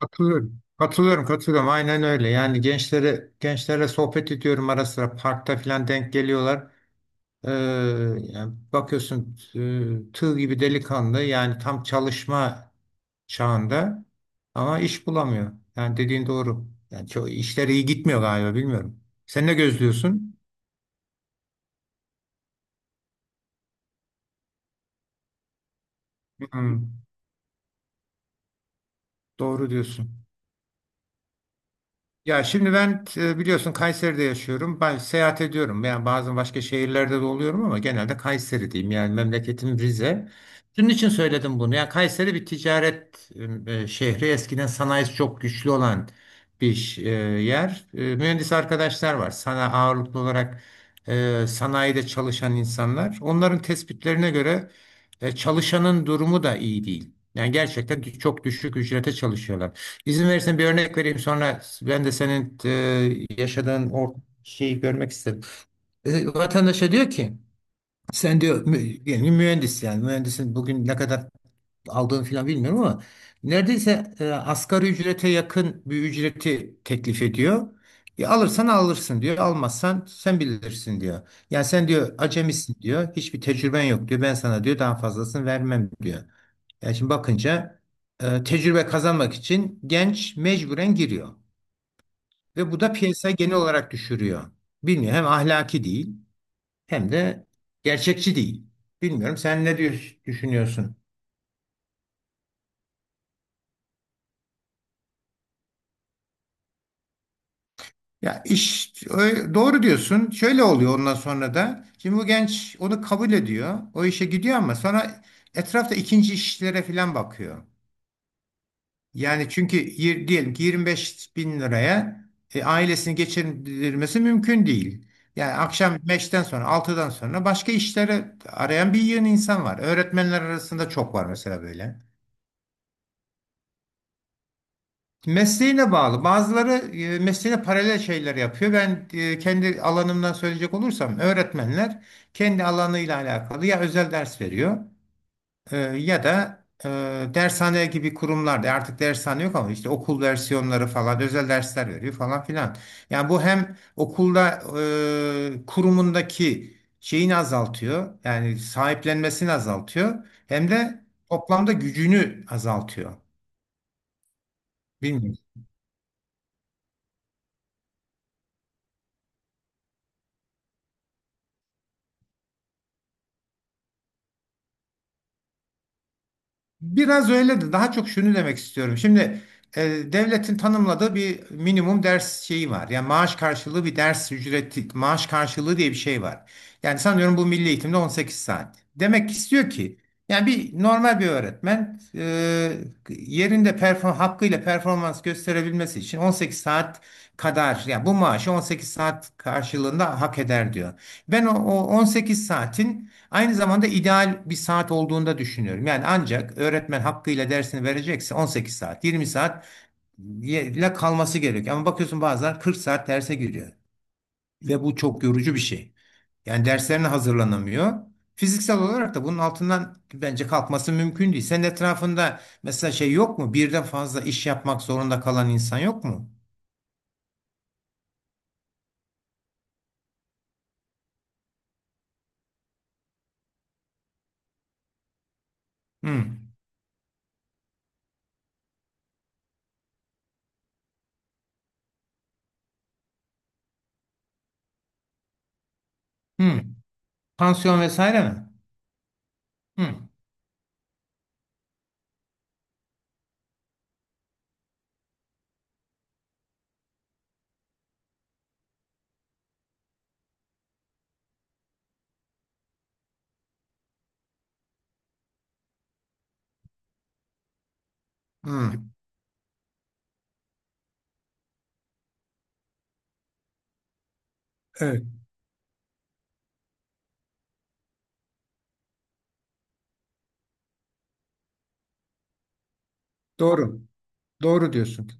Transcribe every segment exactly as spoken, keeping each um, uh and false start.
Katılıyorum. Katılıyorum, katılıyorum. Aynen öyle. Yani gençlere gençlerle sohbet ediyorum, ara sıra parkta falan denk geliyorlar. Ee, Yani bakıyorsun, e, tığ gibi delikanlı, yani tam çalışma çağında ama iş bulamıyor. Yani dediğin doğru. Yani çok işleri iyi gitmiyor galiba, bilmiyorum. Sen ne gözlüyorsun? Hı, doğru diyorsun. Ya şimdi ben, e, biliyorsun, Kayseri'de yaşıyorum. Ben seyahat ediyorum. Yani bazen başka şehirlerde de oluyorum ama genelde Kayseri diyeyim. Yani memleketim Rize. Bunun için söyledim bunu. Yani Kayseri bir ticaret e, e, şehri. Eskiden sanayisi çok güçlü olan bir ş- e, yer. E, mühendis arkadaşlar var. Sana ağırlıklı olarak e, sanayide çalışan insanlar. Onların tespitlerine göre e, çalışanın durumu da iyi değil. Yani gerçekten dü- çok düşük ücrete çalışıyorlar. İzin verirsen bir örnek vereyim, sonra ben de senin, e, yaşadığın o şeyi görmek istedim. E, vatandaşa diyor ki, sen diyor mü, yani mühendis yani mühendisin bugün ne kadar aldığını falan bilmiyorum ama neredeyse, e, asgari ücrete yakın bir ücreti teklif ediyor. E, alırsan alırsın diyor, almazsan sen bilirsin diyor. Yani sen diyor acemisin diyor, hiçbir tecrüben yok diyor, ben sana diyor daha fazlasını vermem diyor. Yani şimdi bakınca, e, tecrübe kazanmak için genç mecburen giriyor. Ve bu da piyasa genel olarak düşürüyor. Bilmiyorum, hem ahlaki değil hem de gerçekçi değil. Bilmiyorum, sen ne diyor- düşünüyorsun? Ya iş ö- doğru diyorsun. Şöyle oluyor ondan sonra da. Şimdi bu genç onu kabul ediyor. O işe gidiyor ama sonra etrafta ikinci işlere falan bakıyor. Yani çünkü yir- diyelim ki yirmi beş bin liraya, e, ailesini geçindirmesi mümkün değil. Yani akşam beşten sonra, altıdan sonra başka işlere arayan bir yığın insan var. Öğretmenler arasında çok var mesela böyle. Mesleğine bağlı. Bazıları e, mesleğine paralel şeyler yapıyor. Ben, e, kendi alanımdan söyleyecek olursam, öğretmenler kendi alanıyla alakalı ya özel ders veriyor, Ee, ya da e, dershane gibi kurumlarda, artık dershane yok ama işte okul versiyonları falan, özel dersler veriyor falan filan. Yani bu hem okulda, e, kurumundaki şeyini azaltıyor, yani sahiplenmesini azaltıyor, hem de toplamda gücünü azaltıyor. Bilmiyorum. Biraz öyle de daha çok şunu demek istiyorum. Şimdi, e, devletin tanımladığı bir minimum ders şeyi var. Yani maaş karşılığı bir ders ücreti, maaş karşılığı diye bir şey var. Yani sanıyorum bu milli eğitimde on sekiz saat. Demek istiyor ki, yani bir normal bir öğretmen, e, yerinde perform hakkıyla performans gösterebilmesi için on sekiz saat kadar, yani bu maaşı on sekiz saat karşılığında hak eder diyor. Ben o, o on sekiz saatin aynı zamanda ideal bir saat olduğunda düşünüyorum. Yani ancak öğretmen hakkıyla dersini verecekse on sekiz saat, yirmi saat ile kalması gerekiyor. Ama bakıyorsun bazen kırk saat derse giriyor. Ve bu çok yorucu bir şey. Yani derslerine hazırlanamıyor. Fiziksel olarak da bunun altından bence kalkması mümkün değil. Senin etrafında mesela şey yok mu? Birden fazla iş yapmak zorunda kalan insan yok mu? Hmm. Hmm. Pansiyon vesaire mi? Hmm. Hmm. Evet. Doğru. Doğru diyorsun.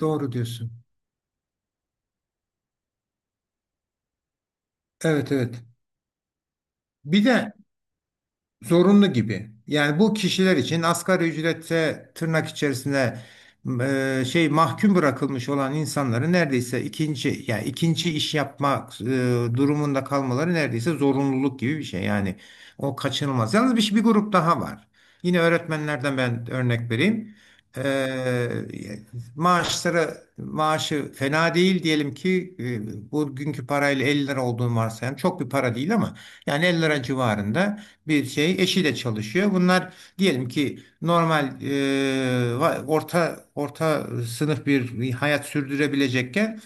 Doğru diyorsun. Evet, evet. Bir de zorunlu gibi. Yani bu kişiler için asgari ücrete, tırnak içerisinde, e, şey, mahkum bırakılmış olan insanların neredeyse ikinci yani ikinci iş yapma, e, durumunda kalmaları neredeyse zorunluluk gibi bir şey. Yani o kaçınılmaz. Yalnız bir, bir grup daha var. Yine öğretmenlerden ben örnek vereyim. E, maaşları maaşı fena değil diyelim ki, e, bugünkü parayla elli lira olduğunu varsayalım. Çok bir para değil ama yani elli lira civarında bir şey, eşiyle çalışıyor. Bunlar diyelim ki normal, e, va- orta orta sınıf bir hayat sürdürebilecekken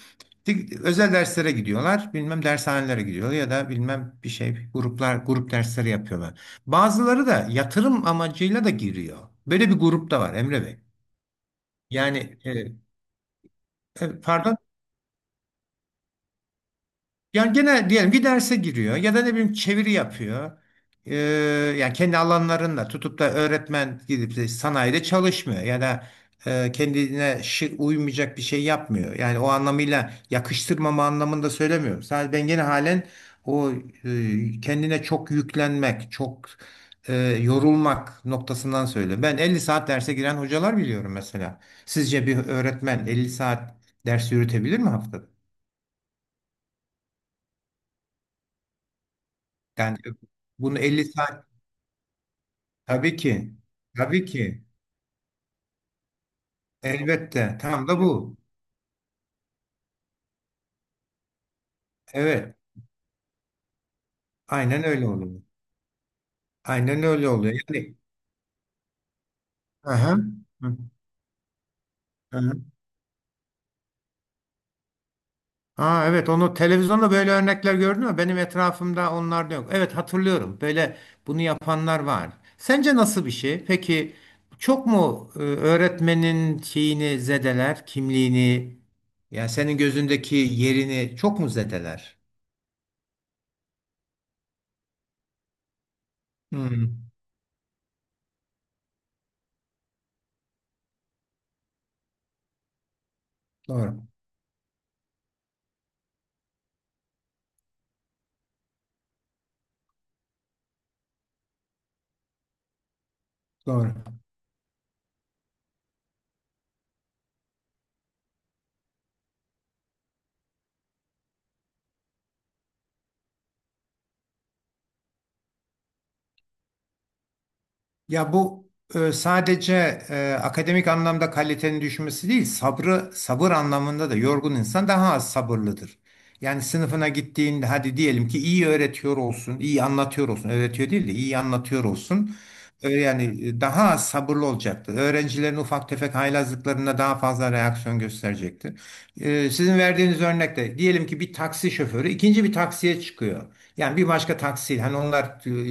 di- özel derslere gidiyorlar. Bilmem dershanelere gidiyor ya da bilmem bir şey, gruplar grup dersleri yapıyorlar. Bazıları da yatırım amacıyla da giriyor. Böyle bir grup da var Emre Bey. Yani e, e, pardon. Yani gene diyelim bir derse giriyor ya da ne bileyim çeviri yapıyor. Ee, Yani kendi alanlarında tutup da öğretmen gidip de sanayide çalışmıyor ya da e, kendine şi, uymayacak bir şey yapmıyor. Yani o anlamıyla, yakıştırmama anlamında söylemiyorum. Sadece ben gene halen o, e, kendine çok yüklenmek, çok, e, yorulmak noktasından söylüyorum. Ben elli saat derse giren hocalar biliyorum mesela. Sizce bir öğretmen elli saat ders yürütebilir mi haftada? Yani bunu elli saat Tabii ki. Tabii ki. Elbette. Tam da bu. Evet. Aynen öyle oluyor. Aynen öyle oluyor. Yani. Aha. Hı. Aha. Aa, evet, onu televizyonda böyle örnekler gördün mü? Benim etrafımda onlar da yok. Evet, hatırlıyorum. Böyle bunu yapanlar var. Sence nasıl bir şey? Peki çok mu, e, öğretmenin şeyini zedeler, kimliğini, yani senin gözündeki yerini çok mu zedeler? Hı. Doğru. Doğru. Ya bu, e, sadece, e, akademik anlamda kalitenin düşmesi değil, sabrı sabır anlamında da yorgun insan daha az sabırlıdır. Yani sınıfına gittiğinde hadi diyelim ki iyi öğretiyor olsun, iyi anlatıyor olsun, öğretiyor değil de iyi anlatıyor olsun. Ö- Yani, e, daha az sabırlı olacaktır. Öğrencilerin ufak tefek haylazlıklarına daha fazla reaksiyon gösterecektir. E, sizin verdiğiniz örnekte diyelim ki bir taksi şoförü ikinci bir taksiye çıkıyor. Yani bir başka taksiyle, hani onlar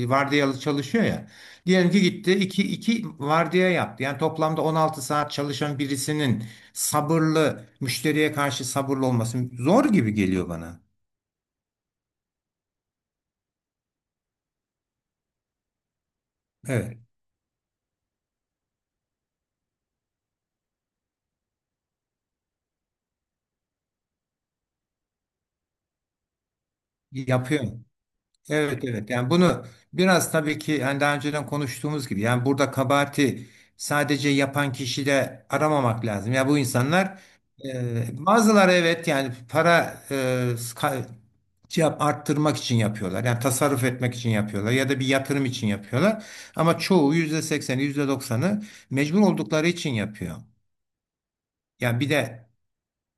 e, vardiyalı çalışıyor ya. Diyelim ki gitti, iki iki vardiya yaptı. Yani toplamda on altı saat çalışan birisinin sabırlı müşteriye karşı sabırlı olması zor gibi geliyor bana. Evet, yapıyor. Evet, evet. Yani bunu biraz, tabii ki, yani daha önceden konuştuğumuz gibi, yani burada kabahati sadece yapan kişide aramamak lazım. Ya bu insanlar, e, bazıları evet, yani para, e, cevap arttırmak için yapıyorlar. Yani tasarruf etmek için yapıyorlar ya da bir yatırım için yapıyorlar. Ama çoğu yüzde sekseni, yüzde doksanı mecbur oldukları için yapıyor. Yani bir de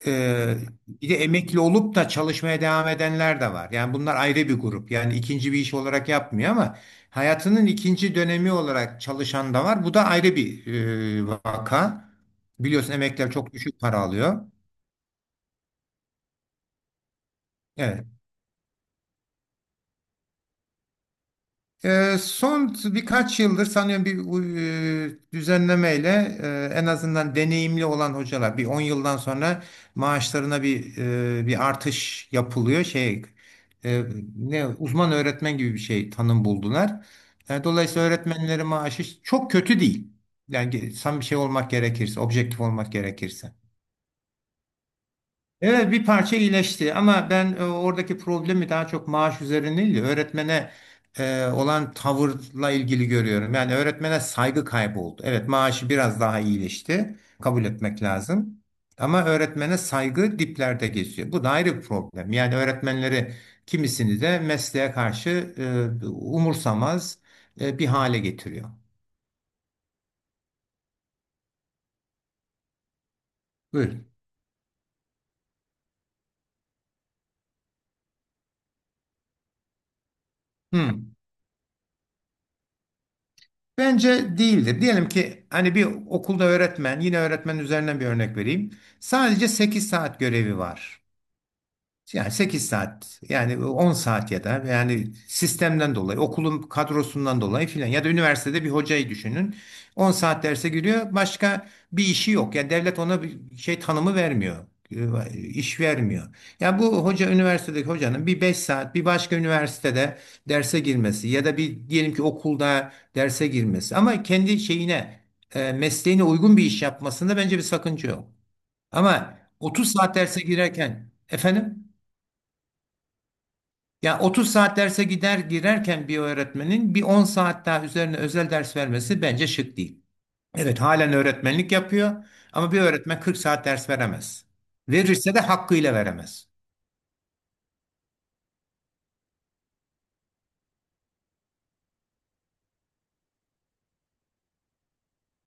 e, Bir de emekli olup da çalışmaya devam edenler de var. Yani bunlar ayrı bir grup. Yani ikinci bir iş olarak yapmıyor ama hayatının ikinci dönemi olarak çalışan da var. Bu da ayrı bir, e, vaka. Biliyorsun emekliler çok düşük para alıyor. Evet. Eee, son birkaç yıldır sanıyorum bir, eee, düzenlemeyle, eee, en azından deneyimli olan hocalar bir on yıldan sonra maaşlarına bir, eee, bir artış yapılıyor. Şey, eee, ne uzman öğretmen gibi bir şey tanım buldular. E, dolayısıyla öğretmenlerin maaşı çok kötü değil. Yani ge- tam bir şey olmak gerekirse, objektif olmak gerekirse. Evet, bir parça iyileşti ama ben, e, oradaki problemi daha çok maaş üzerine değil, de öğretmene e, olan tavırla ilgili görüyorum. Yani öğretmene saygı kayboldu. Evet, maaşı biraz daha iyileşti. Kabul etmek lazım. Ama öğretmene saygı diplerde geziyor. Bu da ayrı bir problem. Yani öğretmenleri, kimisini de mesleğe karşı e, umursamaz, e, bir hale getiriyor. Buyurun. Hı. Bence değildir. Diyelim ki hani bir okulda öğretmen, yine öğretmen üzerinden bir örnek vereyim. Sadece sekiz saat görevi var. Yani sekiz saat, yani on saat, ya da yani sistemden dolayı, okulun kadrosundan dolayı filan, ya da üniversitede bir hocayı düşünün, on saat derse giriyor, başka bir işi yok, yani devlet ona bir şey tanımı vermiyor, e, iş vermiyor. Yani bu hoca üniversitedeki hocanın bir beş saat bir başka üniversitede derse girmesi, ya da bir, diyelim ki, okulda derse girmesi, ama kendi şeyine, e, mesleğine uygun bir iş yapmasında bence bir sakınca yok. Ama otuz saat derse girerken, efendim, ya otuz saat derse gider girerken bir öğretmenin bir on saat daha üzerine özel ders vermesi bence şık değil. Evet, halen öğretmenlik yapıyor ama bir öğretmen kırk saat ders veremez. Verirse de hakkıyla veremez.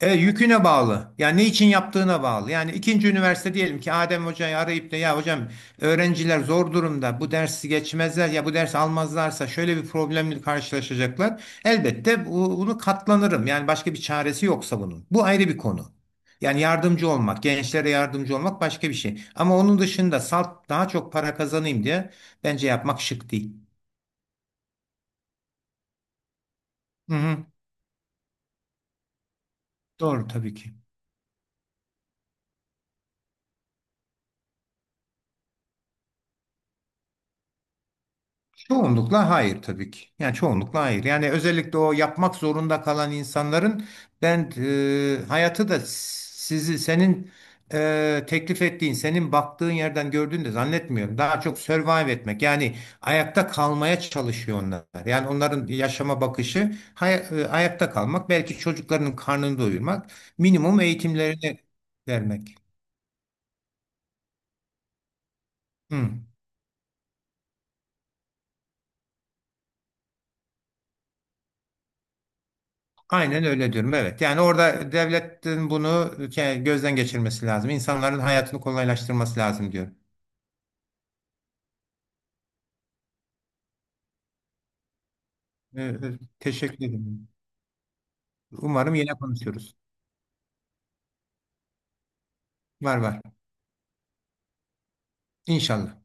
E, yüküne bağlı. Yani ne için yaptığına bağlı. Yani ikinci üniversite diyelim ki Adem Hoca'yı arayıp da, ya hocam, öğrenciler zor durumda, bu dersi geçmezler, ya bu dersi almazlarsa şöyle bir problemle karşılaşacaklar. Elbette bu- bunu katlanırım. Yani başka bir çaresi yoksa bunun. Bu ayrı bir konu. Yani yardımcı olmak, gençlere yardımcı olmak başka bir şey. Ama onun dışında salt daha çok para kazanayım diye bence yapmak şık değil. Hı hı. Doğru, tabii ki. Çoğunlukla hayır, tabii ki. Yani çoğunlukla hayır. Yani özellikle o yapmak zorunda kalan insanların, ben, e, hayatı da sizi senin, e, teklif ettiğin, senin baktığın yerden gördüğünü de zannetmiyorum. Daha çok survive etmek, yani ayakta kalmaya çalışıyor onlar. Yani onların yaşama bakışı hay- e, ayakta kalmak, belki çocuklarının karnını doyurmak, minimum eğitimlerini vermek. Hı. Aynen öyle diyorum. Evet. Yani orada devletin bunu ke- gözden geçirmesi lazım. İnsanların hayatını kolaylaştırması lazım diyorum. Ee, e, Teşekkür ederim. Umarım yine konuşuruz. Var, var. İnşallah.